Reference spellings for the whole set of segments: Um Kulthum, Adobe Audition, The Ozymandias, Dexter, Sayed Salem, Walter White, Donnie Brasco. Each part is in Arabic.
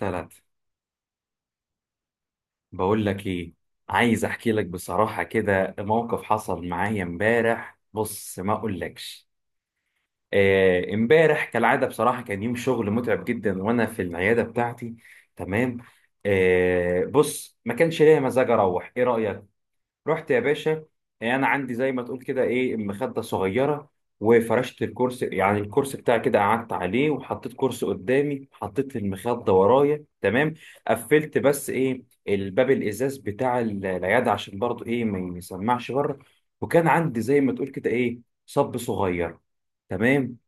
ثلاثة. بقول لك ايه، عايز احكي لك بصراحة كده، موقف حصل معايا امبارح، بص ما اقولكش. امبارح كالعادة بصراحة كان يوم شغل متعب جدا وانا في العيادة بتاعتي. تمام. بص ما كانش ليا مزاج اروح، ايه رأيك؟ رحت يا باشا. يعني انا عندي زي ما تقول كده ايه، مخده صغيره، وفرشت الكرسي، يعني الكرسي بتاعي كده قعدت عليه وحطيت كرسي قدامي، حطيت المخده ورايا. تمام. قفلت بس ايه الباب الازاز بتاع العياده عشان برضو ايه ما يسمعش بره. وكان عندي زي ما تقول كده ايه، صب صغير. تمام.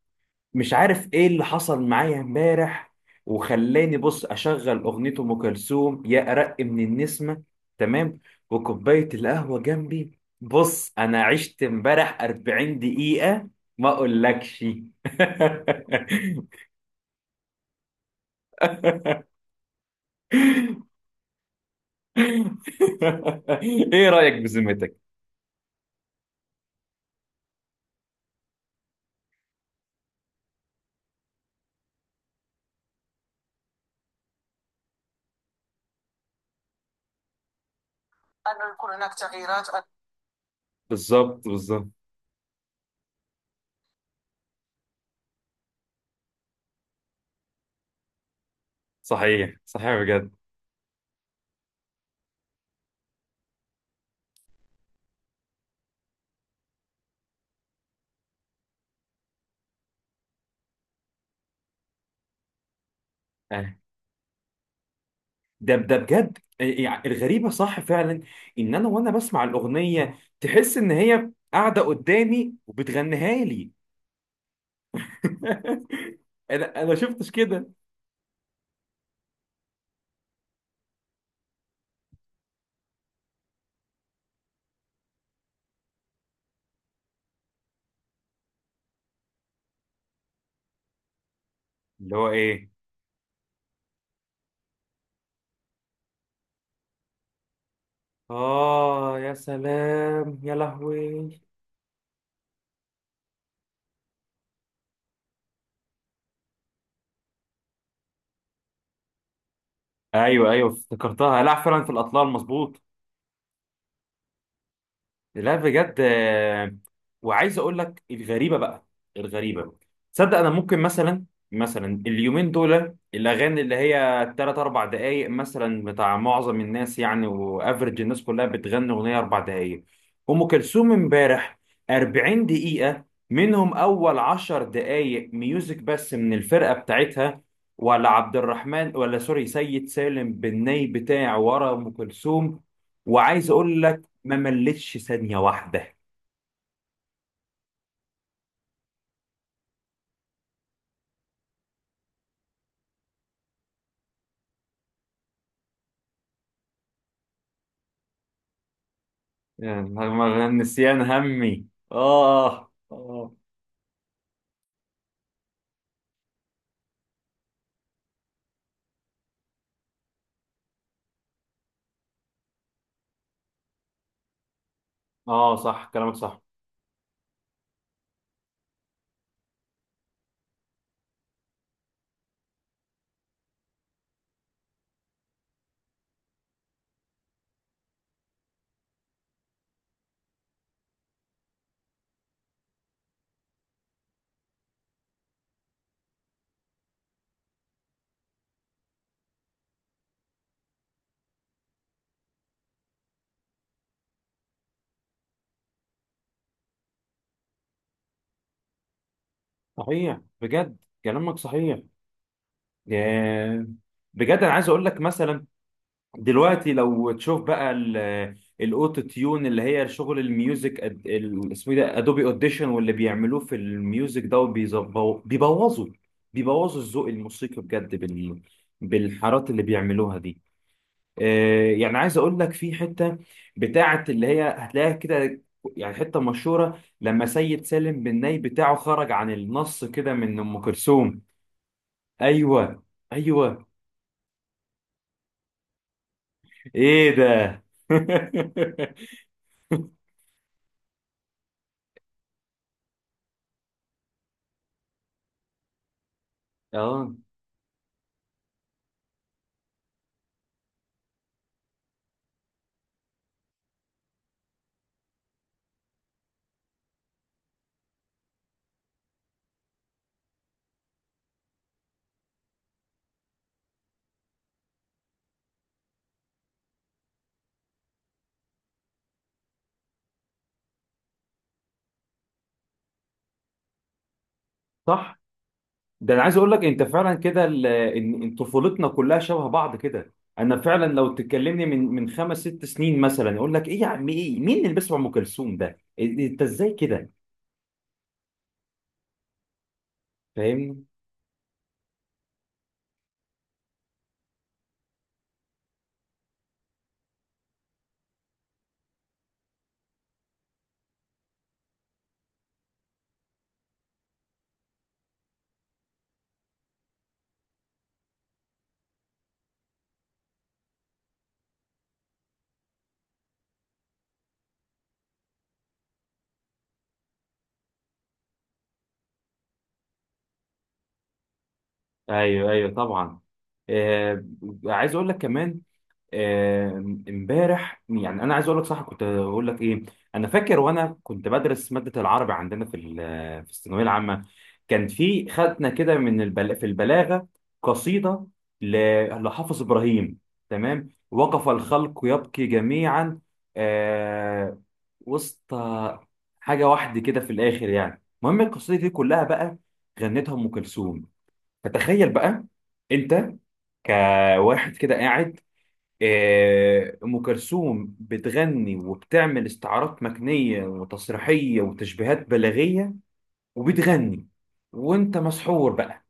مش عارف ايه اللي حصل معايا امبارح وخلاني بص اشغل اغنية ام كلثوم، يا ارق من النسمة. تمام. وكوباية القهوة جنبي، بص انا عشت امبارح 40 دقيقة ما اقولكش. ايه رأيك بذمتك؟ أن يكون هناك تغييرات. بالظبط بالظبط. صحيح صحيح بجد. ده بجد. إيه، يعني الغريبة صح فعلا، ان وانا بسمع الاغنية تحس ان هي قاعدة قدامي وبتغنيها لي. انا شفتش كده. اللي هو ايه؟ اه يا سلام، يا لهوي. ايوه ايوه افتكرتها، لا فعلا في الاطلال، مظبوط. لا بجد. وعايز اقول لك الغريبه بقى، الغريبه. تصدق انا ممكن مثلا، مثلا اليومين دول الاغاني اللي هي 3 4 دقائق مثلا بتاع معظم الناس، يعني وافرج الناس كلها بتغني اغنيه 4 دقائق. ام كلثوم امبارح 40 دقيقه، منهم اول 10 دقائق ميوزك بس من الفرقه بتاعتها، ولا عبد الرحمن، ولا سوري، سيد سالم بالني بتاع ورا ام كلثوم. وعايز اقول ما ملتش ثانية واحدة. النسيان همي. آه آه. آه صح، كلامك صح. صحيح بجد، كلامك صحيح. ياه. بجد أنا عايز أقول لك مثلا، دلوقتي لو تشوف بقى الأوتو تيون اللي هي شغل الميوزك، اسمه إيه ده، أدوبي أوديشن، واللي بيعملوه في الميوزك ده، وبيظبو- بيبوظوا بيبوظوا الذوق الموسيقي بجد، بالحارات اللي بيعملوها دي. يعني عايز اقول لك في حته بتاعه اللي هي هتلاقيها كده، يعني حته مشهوره لما سيد سالم بن ناي بتاعه خرج عن النص كده من ام كلثوم. ايوه ايوه. ايه ده. اه صح. ده انا عايز اقول لك انت فعلا كده، ال- ان إن طفولتنا كلها شبه بعض كده. انا فعلا لو تكلمني من خمس ست سنين مثلا اقول لك ايه يا عم، ايه مين اللي بيسمع ام كلثوم ده؟ إيه، انت ازاي كده؟ فاهمني؟ ايوه ايوه طبعا. آه. عايز اقول لك كمان، آه، امبارح يعني انا عايز اقول لك صح كنت اقول لك ايه. انا فاكر وانا كنت بدرس ماده العربي عندنا في في الثانويه العامه، كان في خدنا كده في البلاغه قصيده ل... لحافظ ابراهيم. تمام، وقف الخلق يبكي جميعا، آه، وسط حاجه واحده كده في الاخر، يعني المهم القصيده دي كلها بقى غنتها ام كلثوم. فتخيل بقى انت كواحد كده قاعد، ام كلثوم بتغني وبتعمل استعارات مكنيه وتسريحيه وتشبيهات بلاغيه، وبتغني وانت مسحور بقى.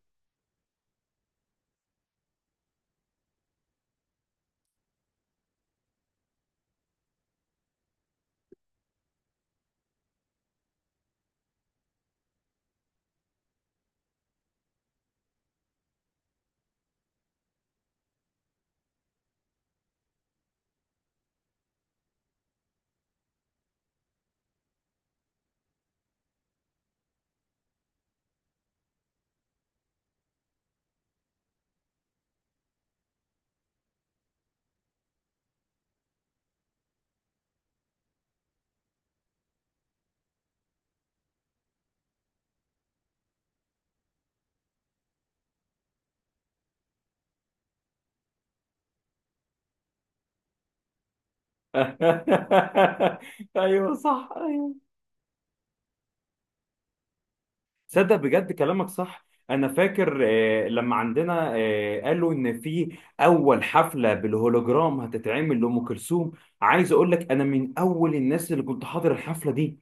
ايوه صح ايوه. صدق بجد كلامك صح، انا فاكر لما عندنا قالوا ان في اول حفله بالهولوجرام هتتعمل لام كلثوم. عايز اقول لك انا من اول الناس اللي كنت حاضر الحفله دي،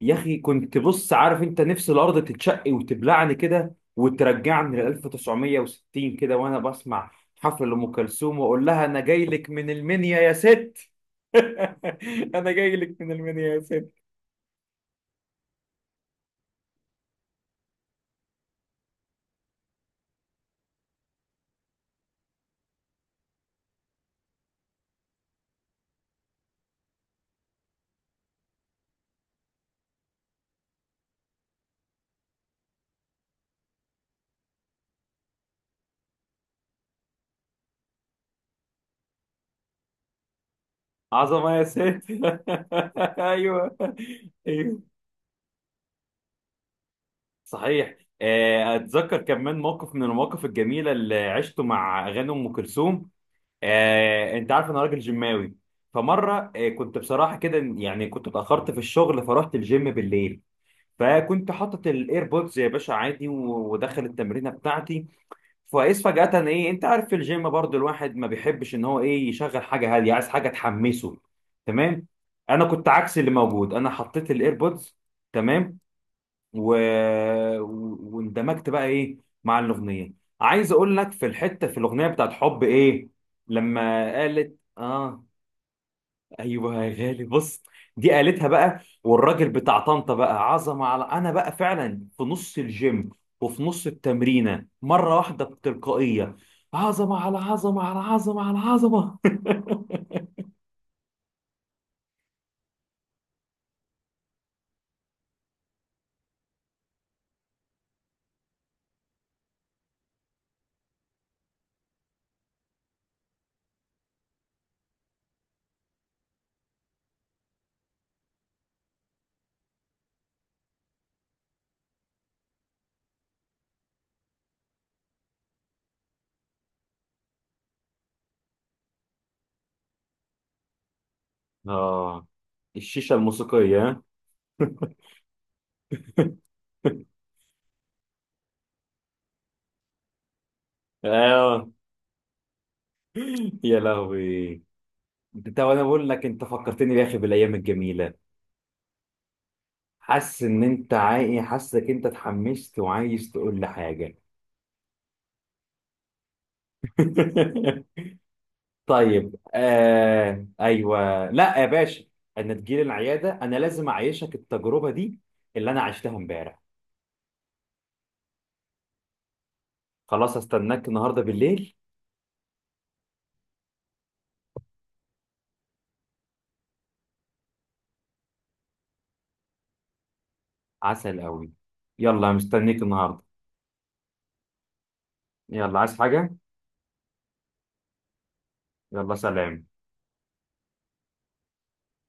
يا اخي كنت بص عارف انت، نفس الارض تتشق وتبلعني كده وترجعني ل 1960 كده، وانا بسمع حفل ام كلثوم واقول لها، انا جاي لك من المنيا يا ست. انا جاي لك من المنيا يا ست. عظمه يا ست. ايوه. ايوه صحيح. اتذكر كمان موقف من المواقف الجميله اللي عشته مع اغاني ام كلثوم. انت عارف انا راجل جماوي، فمره كنت بصراحه كده يعني كنت اتاخرت في الشغل، فرحت الجيم بالليل، فكنت حاطط الايربودز يا باشا عادي ودخل التمرينه بتاعتي. فاذ فجاه ايه، انت عارف في الجيم برضو الواحد ما بيحبش ان هو ايه يشغل حاجه هاديه، عايز حاجه تحمسه. تمام. انا كنت عكس اللي موجود، انا حطيت الايربودز. تمام. و... واندمجت بقى ايه مع الاغنيه. عايز اقول لك في الحته في الاغنيه بتاعت حب ايه، لما قالت اه. ايوه يا غالي بص، دي قالتها بقى، والراجل بتاع طنطا بقى عظمه على، انا بقى فعلا في نص الجيم وفي نص التمرينه، مره واحده بتلقائيه، عظمه على عظمه على عظمه على عظمه. اه الشيشه الموسيقيه، ها؟ اه يا لهوي. انت وانا بقول لك انت فكرتني يا اخي بالايام الجميله. حاسس ان انت حاسسك انت اتحمست وعايز تقول لي حاجه. طيب، ايوه لا يا باشا، انا تجيلي العياده، انا لازم اعيشك التجربه دي اللي انا عشتها امبارح. خلاص استناك النهارده بالليل. عسل قوي، يلا مستنيك النهارده. يلا عايز حاجه؟ يلا سلام.